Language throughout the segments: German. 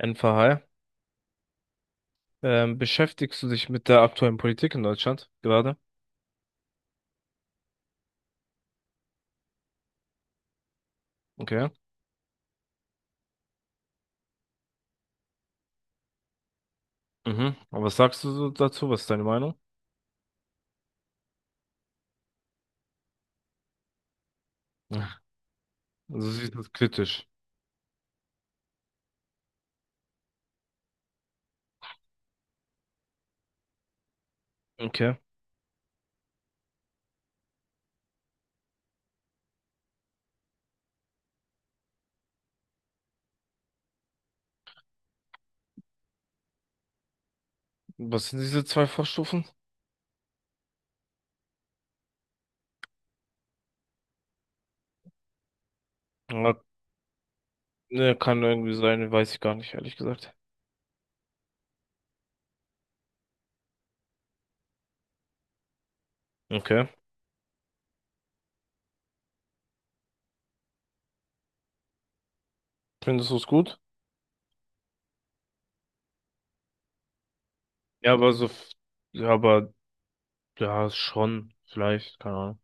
NVH. Beschäftigst du dich mit der aktuellen Politik in Deutschland gerade? Okay. Mhm. Aber was sagst du so dazu? Was ist deine Meinung? Ja. Also siehst du es kritisch. Okay. Was sind diese zwei Vorstufen? Ja, ne, kann irgendwie sein, weiß ich gar nicht, ehrlich gesagt. Okay. Findest du es gut? Ja, aber so, ja, aber ja, schon, vielleicht, keine Ahnung.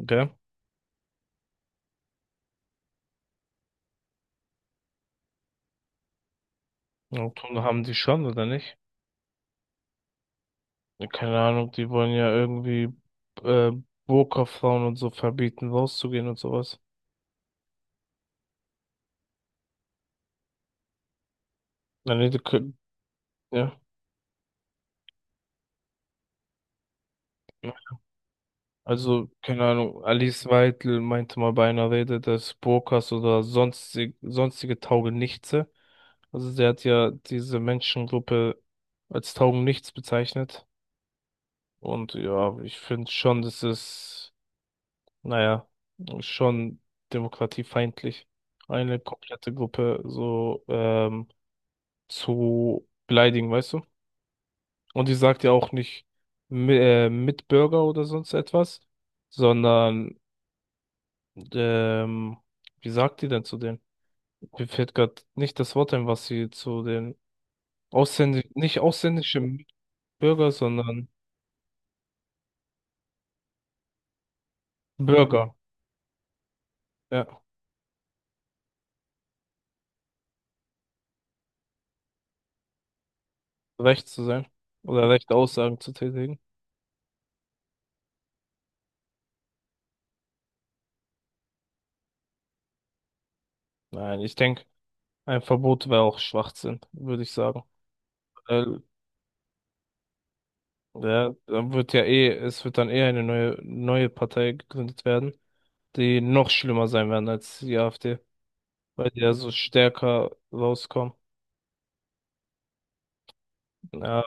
Okay. Autoren haben die schon, oder nicht? Ja, keine Ahnung, die wollen ja irgendwie äh, Burka-Frauen und so verbieten, rauszugehen und sowas. Na, nee, ja. Ja. Also, keine Ahnung, Alice Weidel meinte mal bei einer Rede, dass Burkas oder sonstige Taugenichtse, also sie hat ja diese Menschengruppe als Taugenichts bezeichnet. Und ja, ich finde schon, das ist, naja, schon demokratiefeindlich, eine komplette Gruppe so zu beleidigen, weißt du? Und die sagt ja auch nicht Mitbürger oder sonst etwas, sondern, ähm, wie sagt die denn zu denen? Mir fällt gerade nicht das Wort ein, was sie zu den ausländischen, nicht ausländischen Bürger, sondern Bürger, ja, recht zu sein oder rechte Aussagen zu tätigen. Nein, ich denke, ein Verbot wäre auch Schwachsinn, würde ich sagen. Weil, ja, dann wird ja eh, es wird dann eh eine neue Partei gegründet werden, die noch schlimmer sein werden als die AfD, weil die ja so stärker rauskommen. Ja.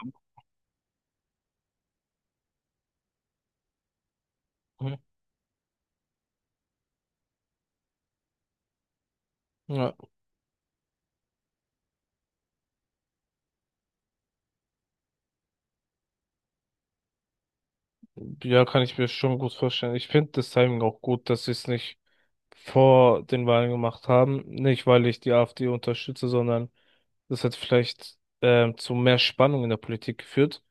Mhm. Ja, ja, kann ich mir schon gut vorstellen. Ich finde das Timing auch gut, dass sie es nicht vor den Wahlen gemacht haben. Nicht, weil ich die AfD unterstütze, sondern das hat vielleicht zu mehr Spannung in der Politik geführt.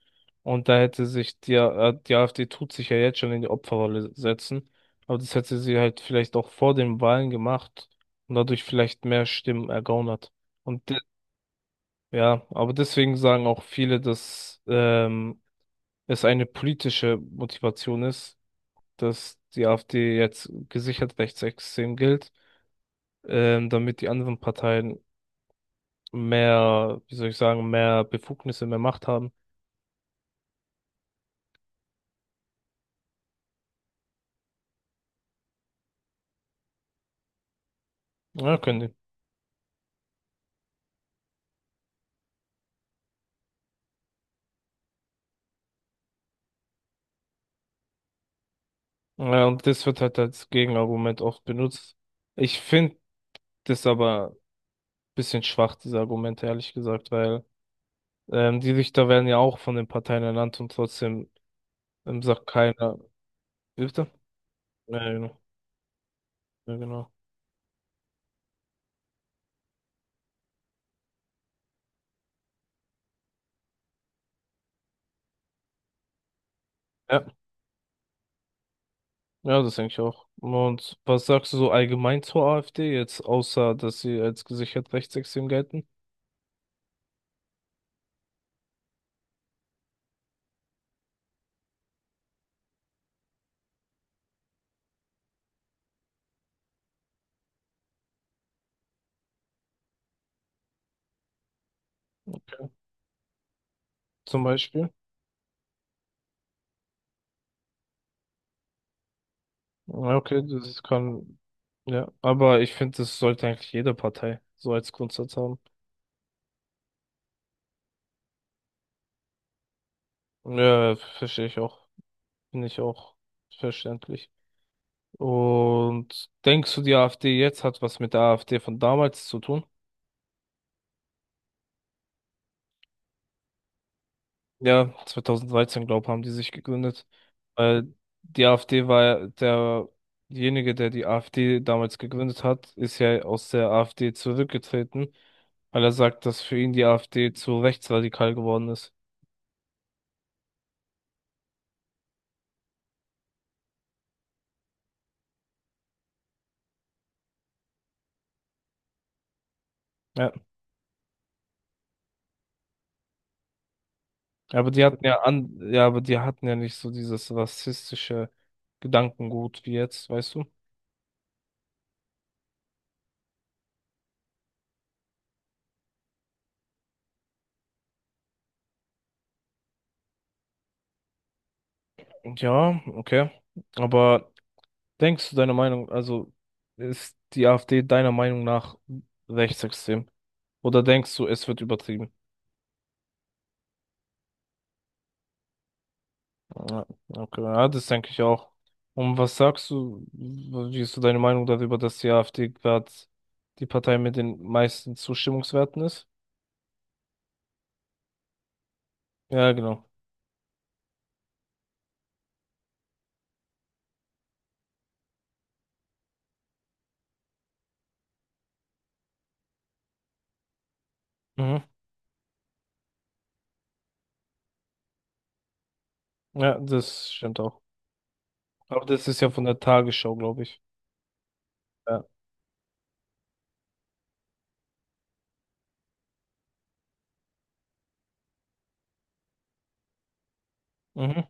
Und da hätte sich die AfD tut sich ja jetzt schon in die Opferrolle setzen. Aber das hätte sie halt vielleicht auch vor den Wahlen gemacht und dadurch vielleicht mehr Stimmen ergaunert. Und ja, aber deswegen sagen auch viele, dass es eine politische Motivation ist, dass die AfD jetzt gesichert rechtsextrem gilt, damit die anderen Parteien mehr, wie soll ich sagen, mehr Befugnisse, mehr Macht haben. Ja, können die. Ja, und das wird halt als Gegenargument oft benutzt. Ich finde das aber ein bisschen schwach, diese Argumente, ehrlich gesagt, weil die Richter werden ja auch von den Parteien ernannt und trotzdem sagt keiner. Wie bitte? Ja, genau. Ja, genau. Ja, ja, das denke ich auch. Und was sagst du so allgemein zur AfD jetzt, außer dass sie als gesichert rechtsextrem gelten, zum Beispiel? Ja, okay, das kann, ja, aber ich finde, das sollte eigentlich jede Partei so als Grundsatz haben. Ja, verstehe ich auch. Finde ich auch verständlich. Und denkst du, die AfD jetzt hat was mit der AfD von damals zu tun? Ja, 2013, glaube ich, haben die sich gegründet. Weil die AfD war ja derjenige, der die AfD damals gegründet hat, ist ja aus der AfD zurückgetreten, weil er sagt, dass für ihn die AfD zu rechtsradikal geworden ist. Ja, aber die hatten ja an, ja, aber die hatten ja nicht so dieses rassistische Gedankengut wie jetzt, weißt du? Ja, okay. Aber denkst du deine Meinung, also ist die AfD deiner Meinung nach rechtsextrem? Oder denkst du, es wird übertrieben? Ja, okay, ja, das denke ich auch. Und was sagst du, wie ist so deine Meinung darüber, dass die AfD gerade die Partei mit den meisten Zustimmungswerten ist? Ja, genau. Mhm. Ja, das stimmt auch. Aber das ist ja von der Tagesschau, glaube ich. Ja. Mhm.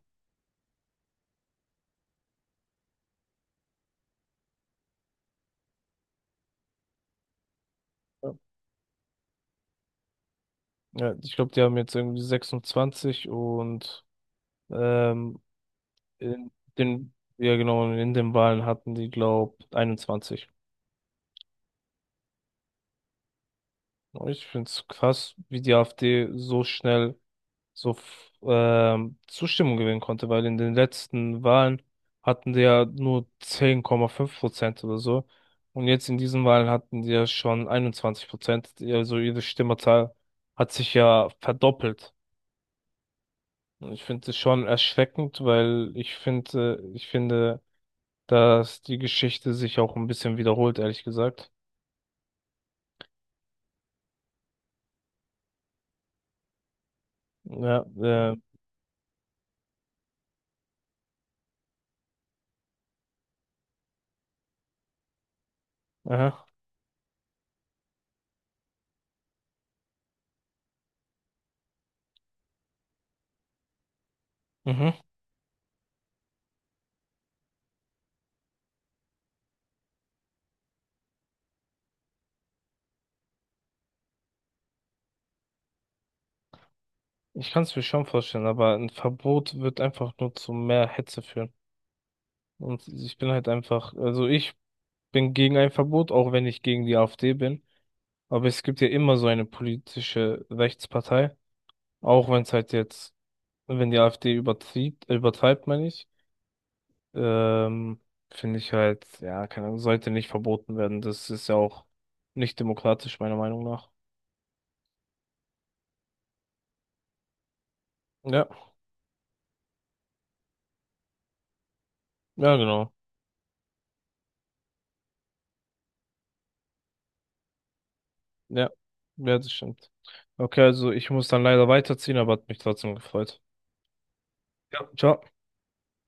Ja, ja, ich glaube, die haben jetzt irgendwie 26 und ähm, in den, ja genau, in den Wahlen hatten die, glaube, 21. Ich finde es krass, wie die AfD so schnell so Zustimmung gewinnen konnte, weil in den letzten Wahlen hatten die ja nur 10,5% oder so. Und jetzt in diesen Wahlen hatten die ja schon 21%. Also ihre Stimmerzahl hat sich ja verdoppelt. Und ich finde es schon erschreckend, weil ich finde, dass die Geschichte sich auch ein bisschen wiederholt, ehrlich gesagt. Ja, aha, mhm. Ich kann es mir schon vorstellen, aber ein Verbot wird einfach nur zu mehr Hetze führen. Und ich bin halt einfach, also ich bin gegen ein Verbot, auch wenn ich gegen die AfD bin. Aber es gibt ja immer so eine politische Rechtspartei, auch wenn es halt jetzt, wenn die AfD übertreibt, übertreibt, meine ich, ähm, finde ich halt, ja, keine Ahnung, sollte nicht verboten werden. Das ist ja auch nicht demokratisch, meiner Meinung nach. Ja, ja, genau. Ja, ja, das stimmt. Okay, also ich muss dann leider weiterziehen, aber hat mich trotzdem gefreut. Ja, ciao.